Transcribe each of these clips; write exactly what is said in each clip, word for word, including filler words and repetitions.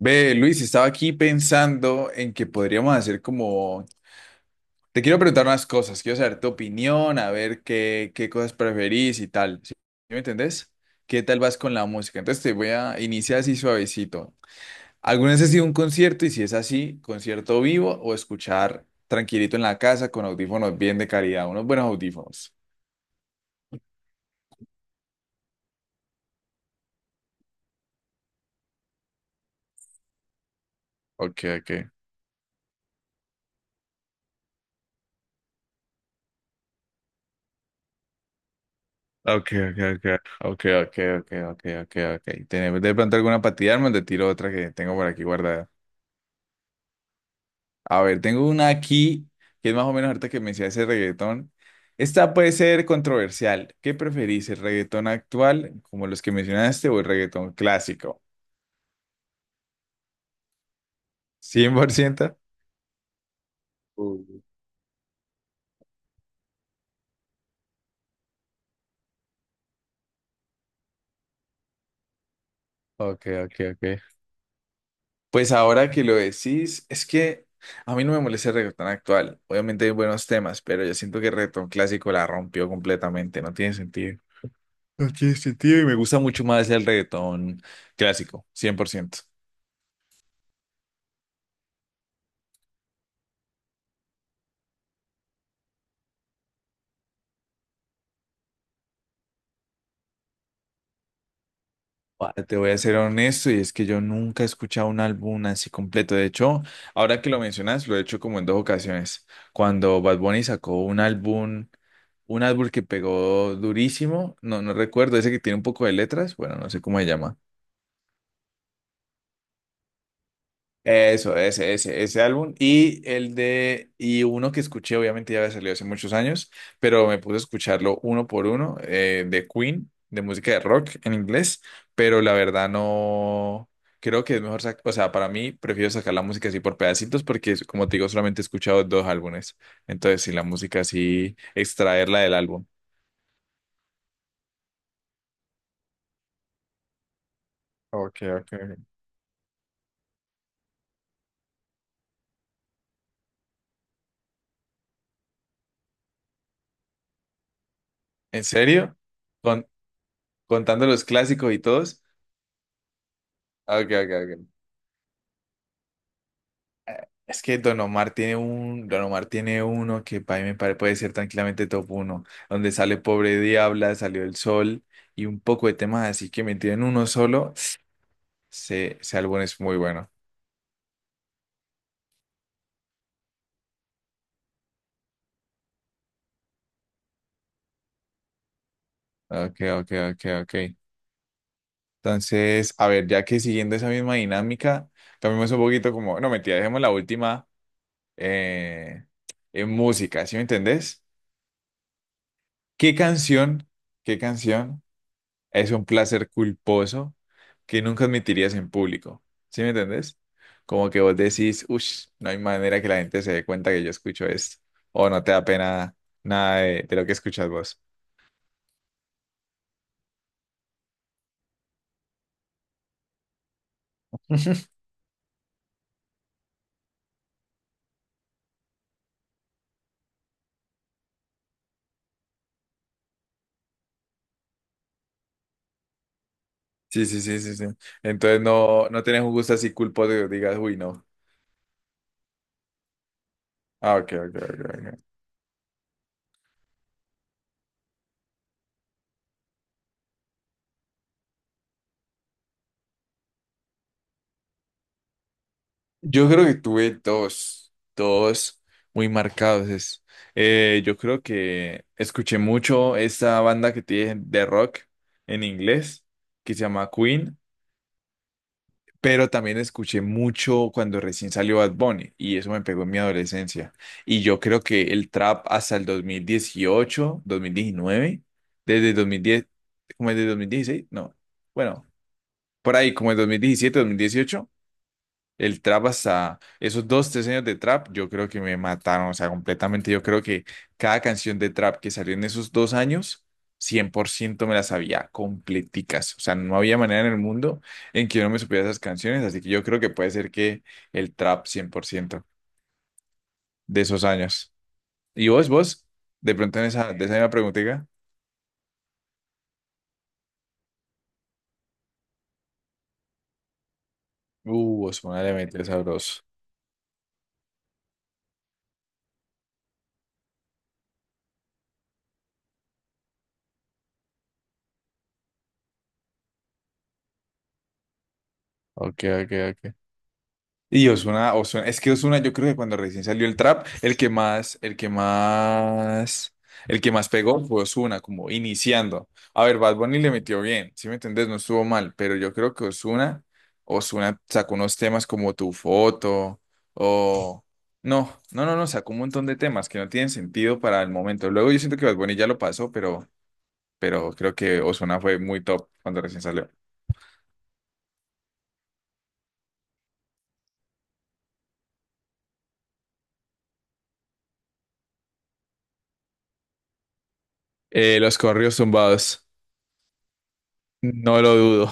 Ve, Luis, estaba aquí pensando en que podríamos hacer como... Te quiero preguntar unas cosas, quiero saber tu opinión, a ver qué, qué cosas preferís y tal. ¿Sí me entendés? ¿Qué tal vas con la música? Entonces te voy a iniciar así suavecito. ¿Alguna vez has ido a un concierto? Y si es así, ¿concierto vivo o escuchar tranquilito en la casa con audífonos bien de calidad? Unos buenos audífonos. Ok, ok. Ok, ok, ok. Ok, ok, ok, ok, ok, ok. Tenemos de pronto alguna para tirarme, te tiro otra que tengo por aquí guardada. A ver, tengo una aquí que es más o menos ahorita que me decía ese reggaetón. Esta puede ser controversial. ¿Qué preferís, el reggaetón actual, como los que mencionaste, o el reggaetón clásico? ¿cien por ciento? Uy. Ok, ok, ok. Pues ahora que lo decís, es que a mí no me molesta el reggaetón actual. Obviamente hay buenos temas, pero yo siento que el reggaetón clásico la rompió completamente. No tiene sentido. No tiene sentido y me gusta mucho más el reggaetón clásico, cien por ciento. Guau, te voy a ser honesto y es que yo nunca he escuchado un álbum así completo. De hecho, ahora que lo mencionas, lo he hecho como en dos ocasiones. Cuando Bad Bunny sacó un álbum, un álbum que pegó durísimo, no, no recuerdo, ese que tiene un poco de letras, bueno, no sé cómo se llama. Eso, ese, ese, ese álbum. Y el de, y uno que escuché, obviamente ya había salido hace muchos años, pero me puse a escucharlo uno por uno, eh, de Queen, de música de rock en inglés, pero la verdad no, creo que es mejor, sac- o sea, para mí prefiero sacar la música así por pedacitos porque, como te digo, solamente he escuchado dos álbumes. Entonces, si la música así, extraerla del álbum. Ok, ok. ¿En serio? ¿Con, ¿contando los clásicos y todos? Ok, ok, ok. Es que Don Omar tiene un, Don Omar tiene uno que para mí me pare- puede ser tranquilamente top uno, donde sale Pobre Diabla, salió El Sol y un poco de temas así que metido en uno solo, se- ese álbum es muy bueno. Ok, ok, ok, ok. Entonces, a ver, ya que siguiendo esa misma dinámica, cambiamos un poquito como, no mentira, dejemos la última eh, en música, ¿sí me entendés? ¿Qué canción, ¿qué canción? Es un placer culposo que nunca admitirías en público. ¿Sí me entendés? Como que vos decís, uff, no hay manera que la gente se dé cuenta que yo escucho esto. O no te da pena nada de, de lo que escuchas vos. Sí, sí, sí, sí, sí. Entonces no, no tenés un gusto así culposo que digas, uy, no. Ah, ok, ok, ok, ok. Yo creo que tuve dos, dos muy marcados. Es- eh, yo creo que escuché mucho esta banda que tiene de rock en inglés, que se llama Queen, pero también escuché mucho cuando recién salió Bad Bunny y eso me pegó en mi adolescencia. Y yo creo que el trap hasta el dos dos mil dieciocho dos mil diecinueve, desde dos mil diez, como desde dos mil dieciséis no, bueno, por ahí como el mil diecisiete, dos mil dieciocho, el trap hasta esos dos, tres años de trap, yo creo que me mataron, o sea, completamente. Yo creo que cada canción de trap que salió en esos dos años, cien por ciento me las sabía completicas. O sea, no había manera en el mundo en que yo no me supiera esas canciones, así que yo creo que puede ser que el trap cien por ciento de esos años. ¿Y vos, vos? De pronto en esa, de esa misma preguntita. Uh, Osmona le metió sabroso. Ok, ok, ok. Y Ozuna, Ozuna, es que Ozuna, yo creo que cuando recién salió el trap, el que más, el que más, el que más pegó fue Ozuna, como iniciando. A ver, Bad Bunny le metió bien, ¿si me entendés? No estuvo mal, pero yo creo que Ozuna, Ozuna sacó unos temas como Tu Foto, o... No, no, no, no, sacó un montón de temas que no tienen sentido para el momento. Luego yo siento que Bad Bunny ya lo pasó, pero, pero creo que Ozuna fue muy top cuando recién salió. Eh, los corridos tumbados. No lo dudo,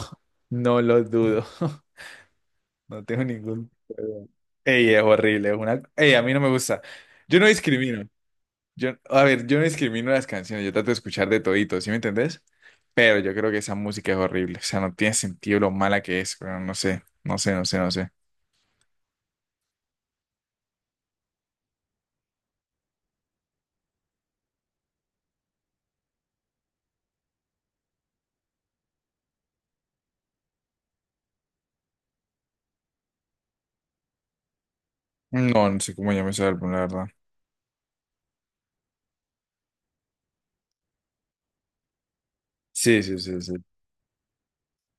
no lo dudo. No tengo ningún problema. Ey, es horrible, es una... Ey, a mí no me gusta. Yo no discrimino. Yo, a ver, yo no discrimino las canciones, yo trato de escuchar de todito, ¿sí me entendés? Pero yo creo que esa música es horrible, o sea, no tiene sentido lo mala que es, pero no sé, no sé, no sé, no sé. No, no sé cómo llama ese álbum, la verdad. Sí, sí, sí, sí.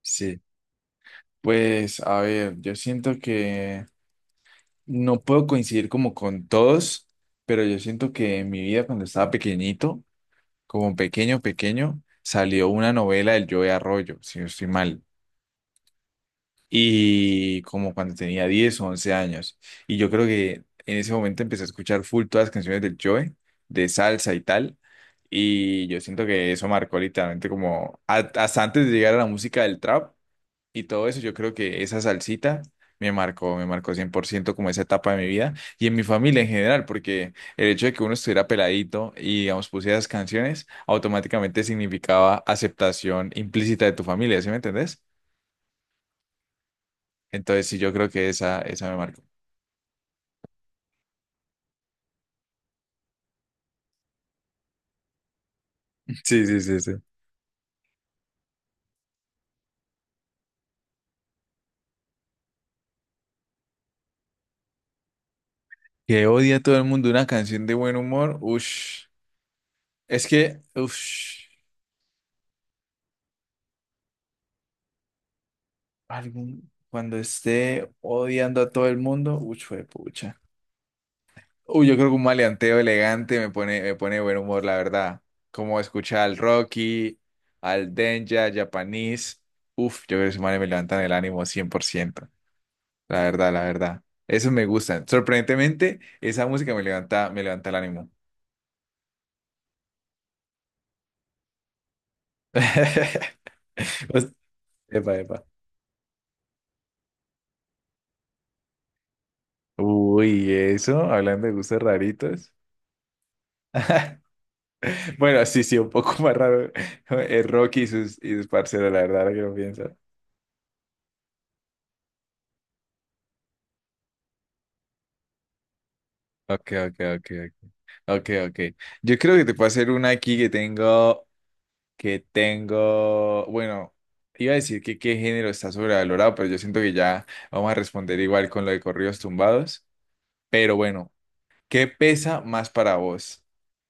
Sí. Pues, a ver, yo siento que... No puedo coincidir como con todos, pero yo siento que en mi vida cuando estaba pequeñito, como pequeño, pequeño, salió una novela del Joe Arroyo, si no estoy mal, y como cuando tenía diez o once años. Y yo creo que en ese momento empecé a escuchar full todas las canciones del Joe, de salsa y tal, y yo siento que eso marcó literalmente como a- hasta antes de llegar a la música del trap y todo eso, yo creo que esa salsita me marcó, me marcó cien por ciento como esa etapa de mi vida y en mi familia en general, porque el hecho de que uno estuviera peladito y, digamos, pusiera esas canciones, automáticamente significaba aceptación implícita de tu familia, ¿sí me entendés? Entonces, sí, yo creo que esa, esa me marcó. Sí, sí, sí, sí. Que odia a todo el mundo una canción de buen humor, ush. Es que, ush, algún, cuando esté odiando a todo el mundo, ush, fue uy, yo creo que un maleanteo elegante me pone, me pone de buen humor, la verdad. Como escuchar al Rocky, al Denja, Japanese. Uf, yo creo que esos manes me levantan el ánimo cien por ciento, la verdad, la verdad. Eso me gusta. Sorprendentemente, esa música me levanta, me levanta el ánimo. Pues- Epa, epa. Uy, eso, hablando de gustos raritos. Bueno, sí, sí, un poco más raro. El Rocky y sus, y sus parceros, la verdad, ahora que lo pienso. Ok, ok, ok, ok, ok. Yo creo que te puedo hacer una aquí que tengo, que tengo, bueno, iba a decir que qué género está sobrevalorado, pero yo siento que ya vamos a responder igual con lo de corridos tumbados. Pero bueno, ¿qué pesa más para vos?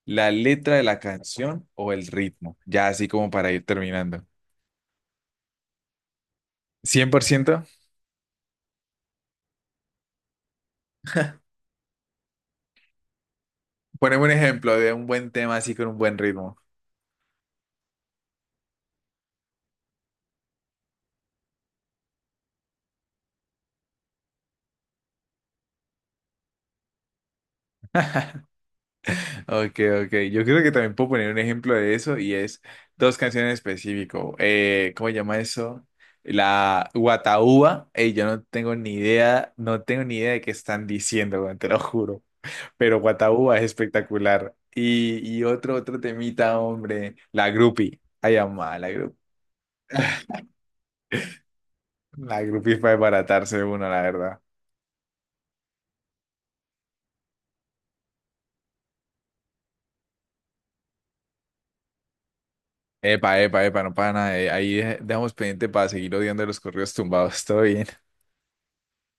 ¿La letra de la canción o el ritmo? Ya así como para ir terminando. Cien por ciento. Poneme un ejemplo de un buen tema así con un buen ritmo. Ok, ok. Yo creo que también puedo poner un ejemplo de eso y es dos canciones en específico. Eh, ¿cómo se llama eso? La Guataúba. Ey, yo no tengo ni idea, no tengo ni idea de qué están diciendo, weón, te lo juro. Pero Guataúba es espectacular. Y, y otro, otro temita, hombre. La Grupi. Ay, amá, la Grupi. La Grupi es para desbaratarse uno, la verdad. Epa, epa, epa, no para nada. eh, Ahí dej- dejamos pendiente para seguir odiando los corridos tumbados. Todo bien.